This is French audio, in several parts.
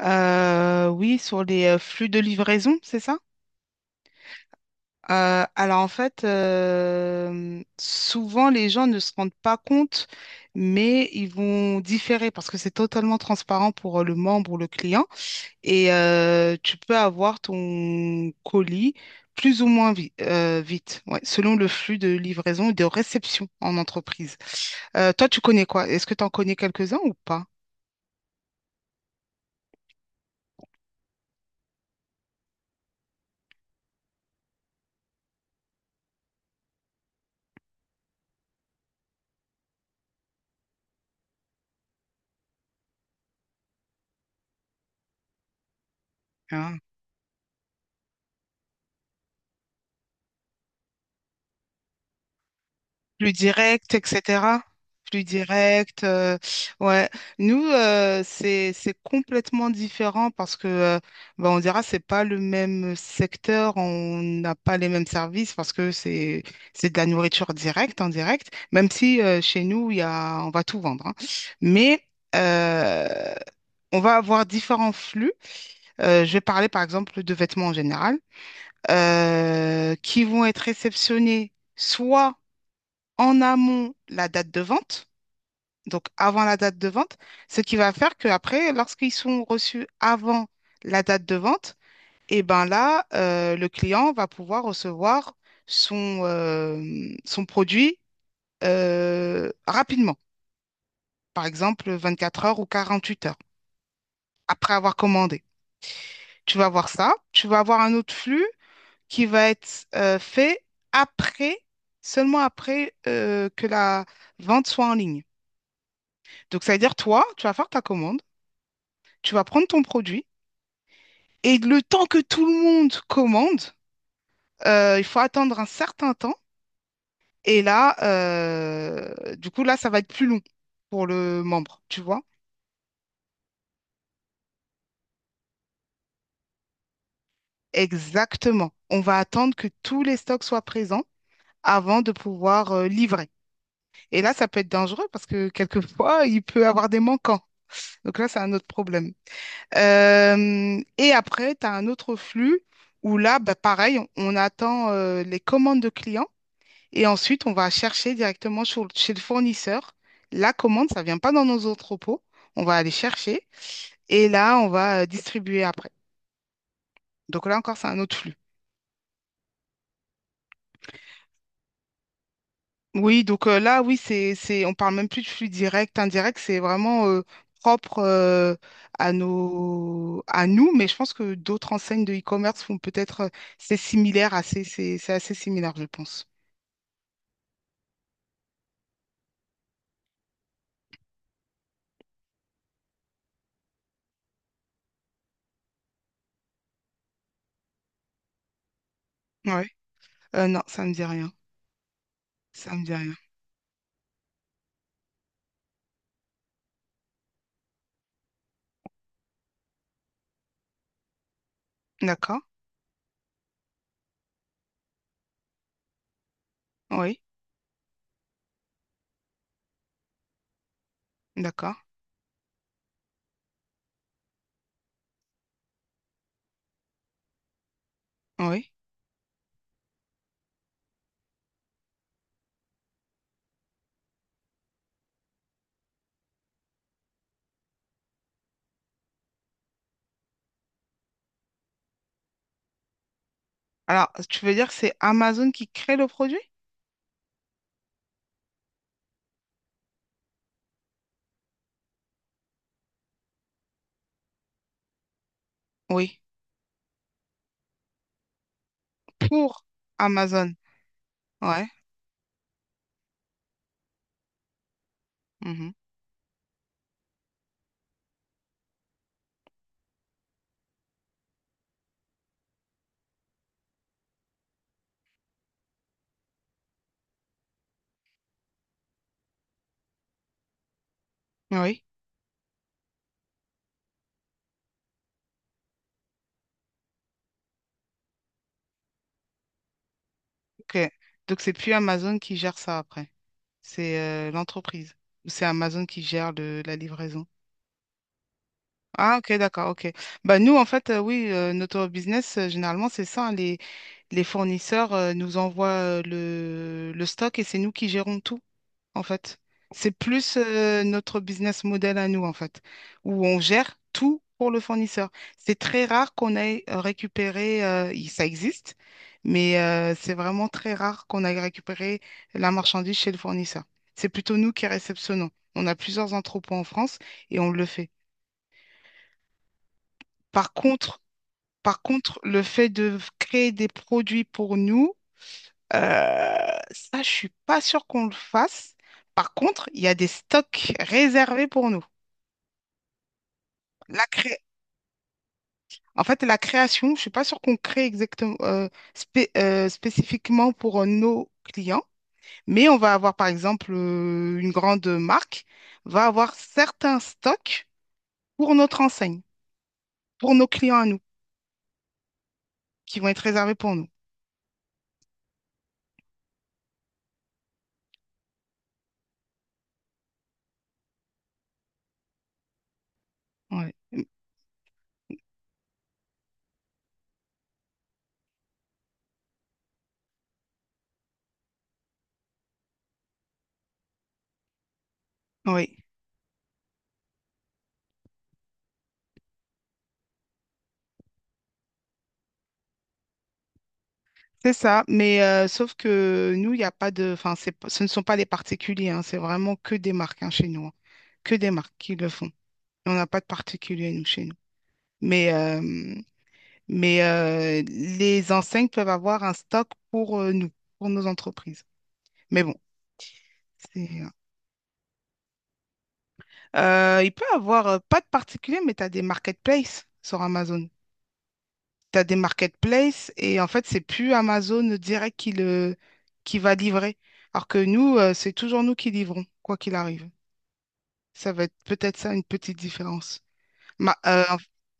Oui, sur les flux de livraison, c'est ça? Alors en fait, souvent les gens ne se rendent pas compte, mais ils vont différer parce que c'est totalement transparent pour le membre ou le client et tu peux avoir ton colis plus ou moins vite, ouais, selon le flux de livraison et de réception en entreprise. Toi, tu connais quoi? Est-ce que tu en connais quelques-uns ou pas? Ah, plus direct, etc. Plus direct, ouais. Nous, c'est complètement différent parce que, bah, on dira, c'est pas le même secteur, on n'a pas les mêmes services parce que c'est de la nourriture directe, en direct. Même si chez nous, il y a, on va tout vendre, hein. Mais euh, on va avoir différents flux. Je vais parler par exemple de vêtements en général, qui vont être réceptionnés soit en amont la date de vente, donc avant la date de vente, ce qui va faire qu'après, lorsqu'ils sont reçus avant la date de vente, et ben là, le client va pouvoir recevoir son produit rapidement, par exemple 24 heures ou 48 heures après avoir commandé. Tu vas voir ça, tu vas avoir un autre flux qui va être fait après, seulement après que la vente soit en ligne. Donc, ça veut dire, toi, tu vas faire ta commande, tu vas prendre ton produit, et le temps que tout le monde commande, il faut attendre un certain temps. Et là, du coup, là, ça va être plus long pour le membre, tu vois? Exactement. On va attendre que tous les stocks soient présents avant de pouvoir livrer. Et là, ça peut être dangereux parce que quelquefois, il peut avoir des manquants. Donc là, c'est un autre problème. Et après, tu as un autre flux où là, bah, pareil, on attend les commandes de clients. Et ensuite, on va chercher directement chez le fournisseur. La commande, ça ne vient pas dans nos entrepôts. On va aller chercher et là, on va distribuer après. Donc là encore, c'est un autre flux. Oui, donc là, oui, on parle même plus de flux direct, indirect, c'est vraiment propre à nous, mais je pense que d'autres enseignes de e-commerce font peut-être, c'est similaire, assez, c'est assez similaire, je pense. Ouais. Non, ça me dit rien. Ça me dit rien. D'accord. Oui. D'accord. Oui. Alors, tu veux dire que c'est Amazon qui crée le produit? Oui. Pour Amazon. Ouais. Mhm. Oui. Ok. Donc, c'est plus Amazon qui gère ça après. C'est l'entreprise. Ou c'est Amazon qui gère la livraison. Ah, ok, d'accord, ok. Bah, nous, en fait, oui, notre business, généralement, c'est ça, hein, les fournisseurs nous envoient le stock et c'est nous qui gérons tout, en fait. C'est plus notre business model à nous, en fait, où on gère tout pour le fournisseur. C'est très rare qu'on ait récupéré, ça existe, mais c'est vraiment très rare qu'on ait récupéré la marchandise chez le fournisseur. C'est plutôt nous qui réceptionnons. On a plusieurs entrepôts en France et on le fait. Par contre, par contre, le fait de créer des produits pour nous, euh, ça, je suis pas sûre qu'on le fasse. Par contre, il y a des stocks réservés pour nous. La cré- En fait, la création, je suis pas sûre qu'on crée exactement spécifiquement pour nos clients, mais on va avoir, par exemple, une grande marque va avoir certains stocks pour notre enseigne, pour nos clients à nous, qui vont être réservés pour nous. Ouais. Oui. C'est ça, mais sauf que nous, il n'y a pas de, enfin, ce ne sont pas des particuliers, hein, c'est vraiment que des marques, hein, chez nous, hein. Que des marques qui le font. On n'a pas de particuliers nous chez nous. Mais, euh, mais les enseignes peuvent avoir un stock pour nous, pour nos entreprises. Mais bon, c'est, il peut avoir pas de particuliers, mais tu as des marketplaces sur Amazon. T'as des marketplaces et en fait, c'est plus Amazon direct qui va livrer. Alors que nous, c'est toujours nous qui livrons, quoi qu'il arrive. Ça va être peut-être ça une petite différence. Ma- euh, en-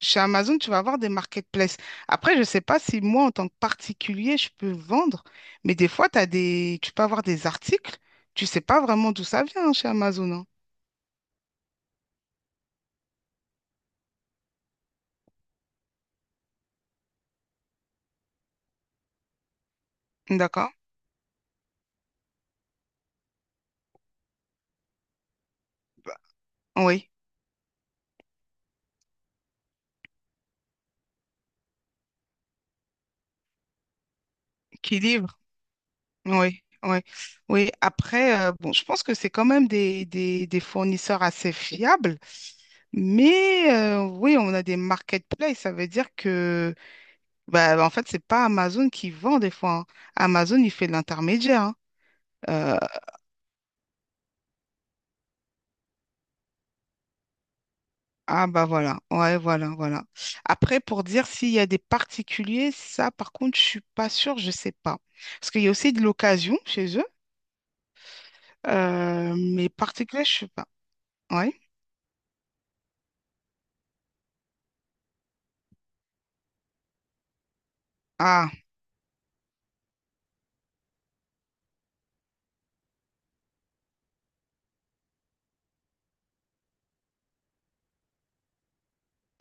Chez Amazon, tu vas avoir des marketplaces. Après, je ne sais pas si moi, en tant que particulier, je peux vendre, mais des fois, tu peux avoir des articles, tu sais pas vraiment d'où ça vient, hein, chez Amazon, hein. D'accord? Oui. Qui livre. Oui, oui, oui. Après, bon, je pense que c'est quand même des fournisseurs assez fiables, mais oui, on a des marketplaces. Ça veut dire que, bah, en fait, c'est pas Amazon qui vend des fois, hein. Amazon, il fait de l'intermédiaire, hein. Euh, ah bah voilà, ouais, voilà, voilà. Après, pour dire s'il y a des particuliers, ça, par contre, je suis pas sûre, je sais pas, parce qu'il y a aussi de l'occasion chez eux, mais particulier, je sais pas. Oui.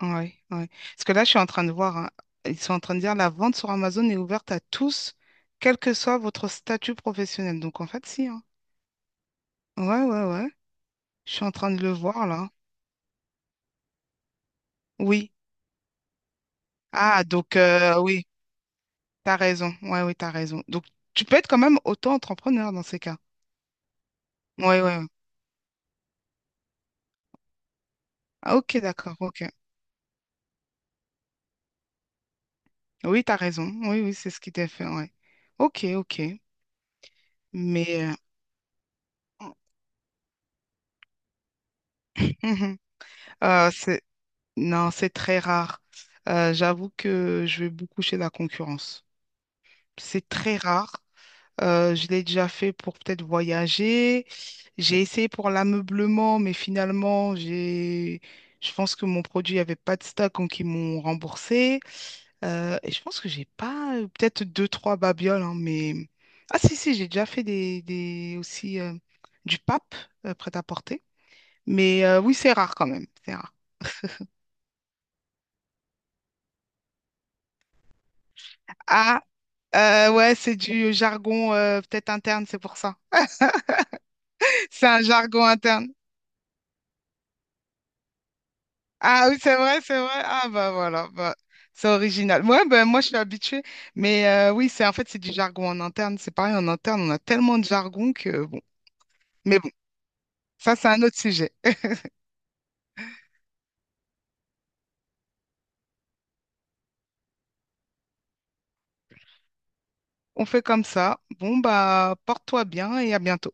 Ouais, ouais. Parce que là, je suis en train de voir, hein, ils sont en train de dire la vente sur Amazon est ouverte à tous, quel que soit votre statut professionnel. Donc, en fait, si, hein. Ouais, ouais, ouais. Je suis en train de le voir, là. Oui. Ah, donc, oui, t'as raison. Ouais, oui, t'as raison. Donc, tu peux être quand même auto-entrepreneur dans ces cas. Ouais, ouais, ouais. Ah, ok, d'accord, ok. Oui, t'as raison. Oui, oui, c'est ce qui t'est fait, ouais. Ok, ok. Mais, euh, mhm. Euh, c'est- Non, c'est très rare. J'avoue que je vais beaucoup chez la concurrence. C'est très rare. Je l'ai déjà fait pour peut-être voyager. J'ai essayé pour l'ameublement, mais finalement, j'ai... je pense que mon produit avait pas de stock, donc ils m'ont remboursé. Et je pense que j'ai pas, peut-être deux, trois babioles, hein, mais... Ah si, si, j'ai déjà fait aussi du pape prêt-à-porter. Mais oui, c'est rare quand même. C'est rare. Ah, ouais, c'est du jargon peut-être interne, c'est pour ça. C'est un jargon interne. Ah oui, c'est vrai, c'est vrai. Ah bah voilà, bah, c'est original. Ouais, bah, moi je suis habituée, mais oui, c'est en fait c'est du jargon en interne. C'est pareil, en interne, on a tellement de jargon que bon. Mais bon, ça c'est un autre sujet. On fait comme ça. Bon bah porte-toi bien et à bientôt.